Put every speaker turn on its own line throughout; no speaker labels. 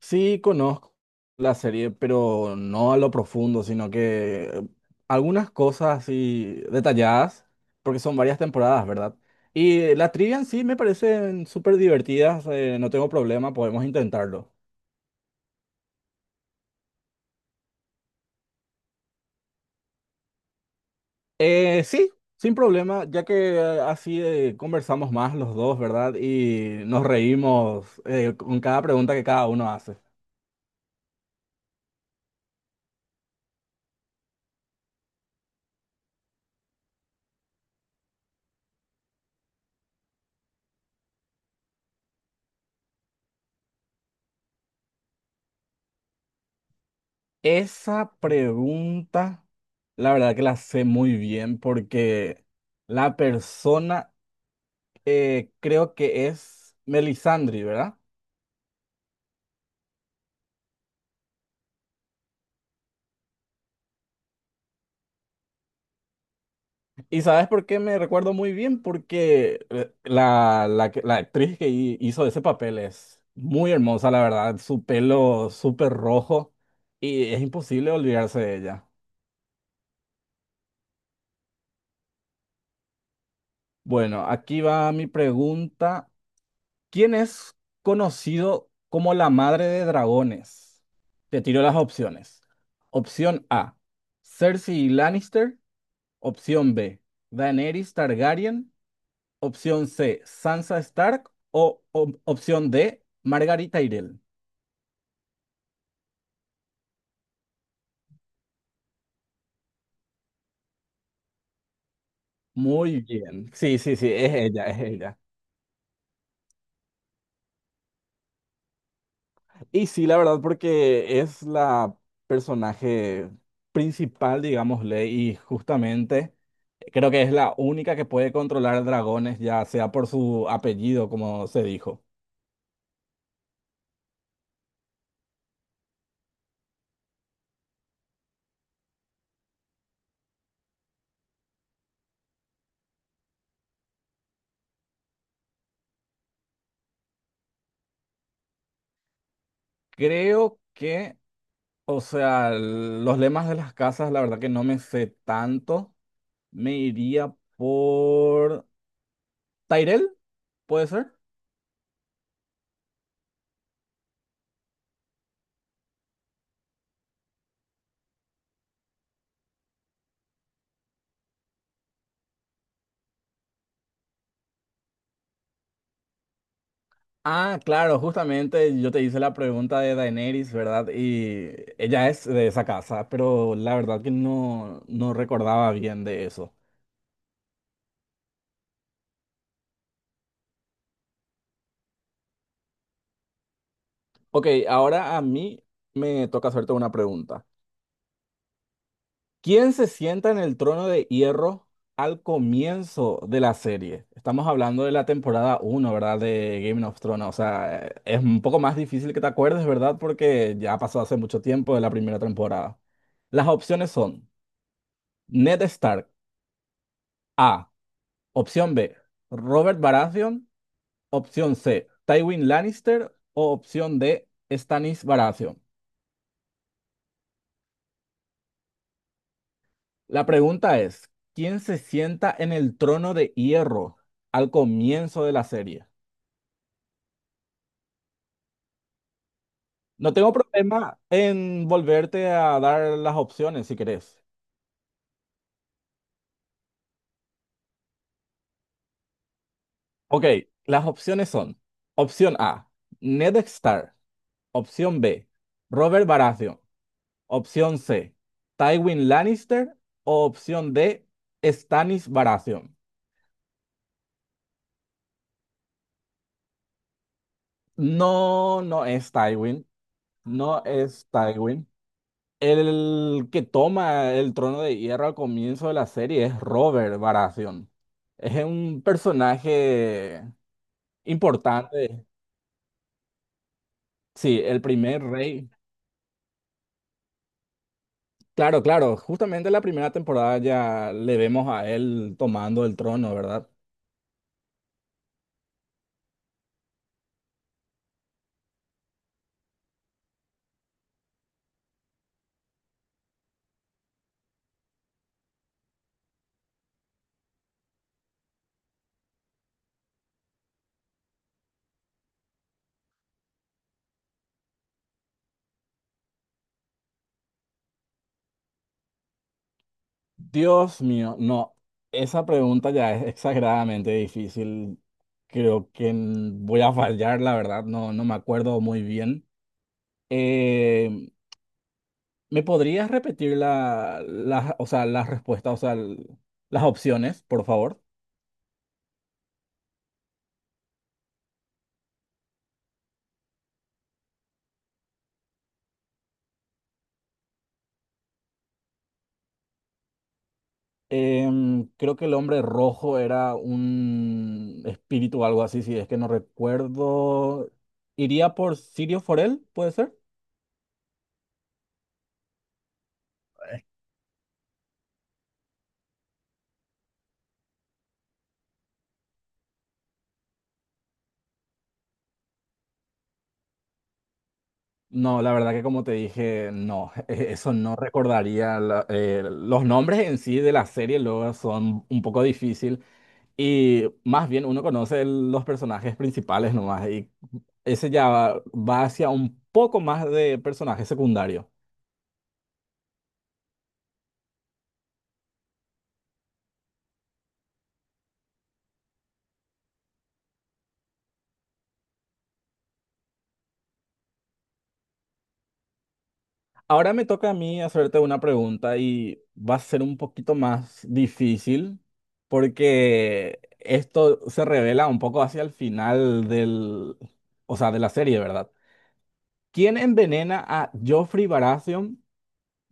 Sí, conozco la serie, pero no a lo profundo, sino que algunas cosas así detalladas, porque son varias temporadas, ¿verdad? Y la trivia en sí me parecen súper divertidas, no tengo problema, podemos intentarlo. Sí, sin problema, ya que así conversamos más los dos, ¿verdad? Y nos reímos con cada pregunta que cada uno hace. Esa pregunta, la verdad que la sé muy bien porque la persona creo que es Melisandre, ¿verdad? ¿Y sabes por qué me recuerdo muy bien? Porque la actriz que hizo ese papel es muy hermosa, la verdad. Su pelo súper rojo y es imposible olvidarse de ella. Bueno, aquí va mi pregunta. ¿Quién es conocido como la madre de dragones? Te tiro las opciones. Opción A, Cersei Lannister. Opción B, Daenerys Targaryen. Opción C, Sansa Stark. O opción D, Margarita Tyrell. Muy bien. Sí, sí, sí, es ella, es ella. Y sí, la verdad, porque es la personaje principal, digámosle, y justamente. Creo que es la única que puede controlar dragones, ya sea por su apellido, como se dijo. Creo que, o sea, los lemas de las casas, la verdad que no me sé tanto. Me iría por... ¿Tyrell? ¿Puede ser? Ah, claro, justamente yo te hice la pregunta de Daenerys, ¿verdad? Y ella es de esa casa, pero la verdad que no, no recordaba bien de eso. Ok, ahora a mí me toca hacerte una pregunta. ¿Quién se sienta en el trono de hierro al comienzo de la serie? Estamos hablando de la temporada uno, ¿verdad? De Game of Thrones. O sea, es un poco más difícil que te acuerdes, ¿verdad? Porque ya pasó hace mucho tiempo de la primera temporada. Las opciones son Ned Stark, A. Opción B, Robert Baratheon. Opción C, Tywin Lannister. O opción D, Stannis Baratheon. La pregunta es, ¿quién se sienta en el trono de hierro al comienzo de la serie? No tengo problema en volverte a dar las opciones si querés. Ok, las opciones son: opción A, Ned Stark. Opción B, Robert Baratheon. Opción C, Tywin Lannister. O opción D, Stannis Baratheon. No, no es Tywin. No es Tywin. El que toma el trono de hierro al comienzo de la serie es Robert Baratheon. Es un personaje importante. Sí, el primer rey. Claro, claro, justamente la primera temporada ya le vemos a él tomando el trono, ¿verdad? Dios mío, no, esa pregunta ya es exageradamente difícil. Creo que voy a fallar, la verdad, no, no me acuerdo muy bien. Eh, ¿Me podrías repetir o sea, las respuestas, o sea, las opciones, por favor? Creo que el hombre rojo era un espíritu o algo así, si es que no recuerdo. ¿Iría por Sirio Forel? ¿Puede ser? No, la verdad que como te dije, no, eso no recordaría. La- los nombres en sí de la serie luego son un poco difícil y más bien uno conoce los personajes principales nomás y ese ya va hacia un poco más de personajes secundarios. Ahora me toca a mí hacerte una pregunta y va a ser un poquito más difícil porque esto se revela un poco hacia el final del, o sea, de la serie, ¿verdad? ¿Quién envenena a Joffrey Baratheon?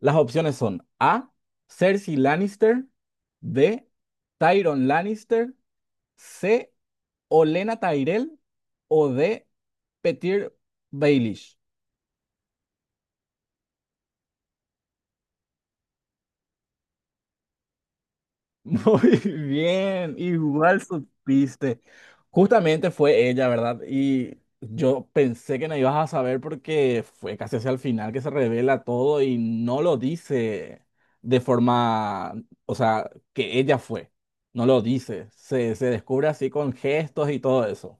Las opciones son A, Cersei Lannister; B, Tyrion Lannister; C, Olenna Tyrell; o D, Petyr Baelish. Muy bien, igual supiste. Justamente fue ella, ¿verdad? Y yo pensé que no ibas a saber porque fue casi hacia el final que se revela todo y no lo dice de forma, o sea, que ella fue. No lo dice. Se descubre así con gestos y todo eso.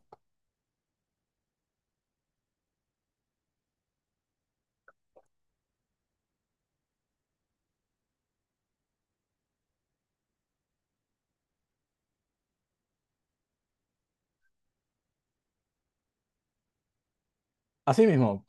Así mismo,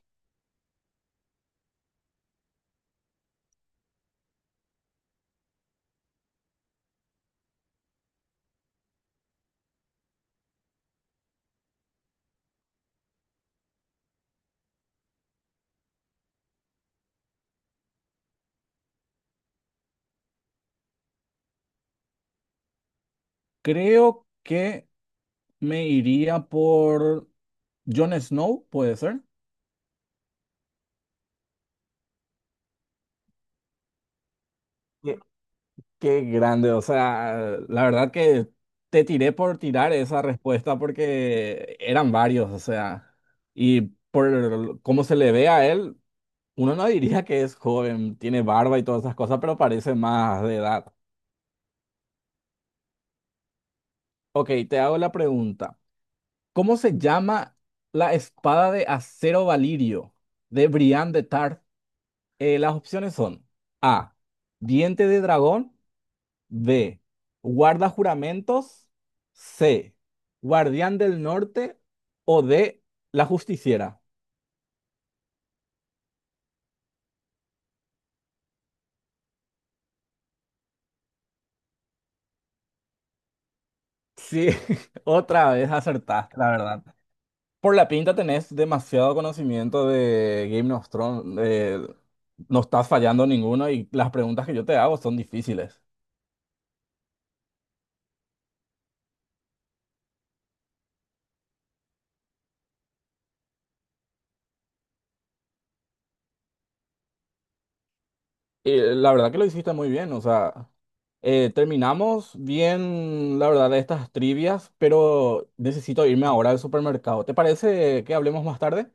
creo que me iría por Jon Snow, ¿puede ser? Qué grande, o sea, la verdad que te tiré por tirar esa respuesta porque eran varios, o sea, y por cómo se le ve a él, uno no diría que es joven, tiene barba y todas esas cosas, pero parece más de edad. Ok, te hago la pregunta. ¿Cómo se llama la espada de acero valirio de Brian de Tarth? Las opciones son A, diente de dragón; B, guarda juramentos; C, guardián del Norte; o D, la justiciera. Sí, otra vez acertaste, la verdad. Por la pinta tenés demasiado conocimiento de Game of Thrones. No estás fallando ninguno y las preguntas que yo te hago son difíciles. Y la verdad que lo hiciste muy bien, o sea, terminamos bien, la verdad, de estas trivias, pero necesito irme ahora al supermercado. ¿Te parece que hablemos más tarde?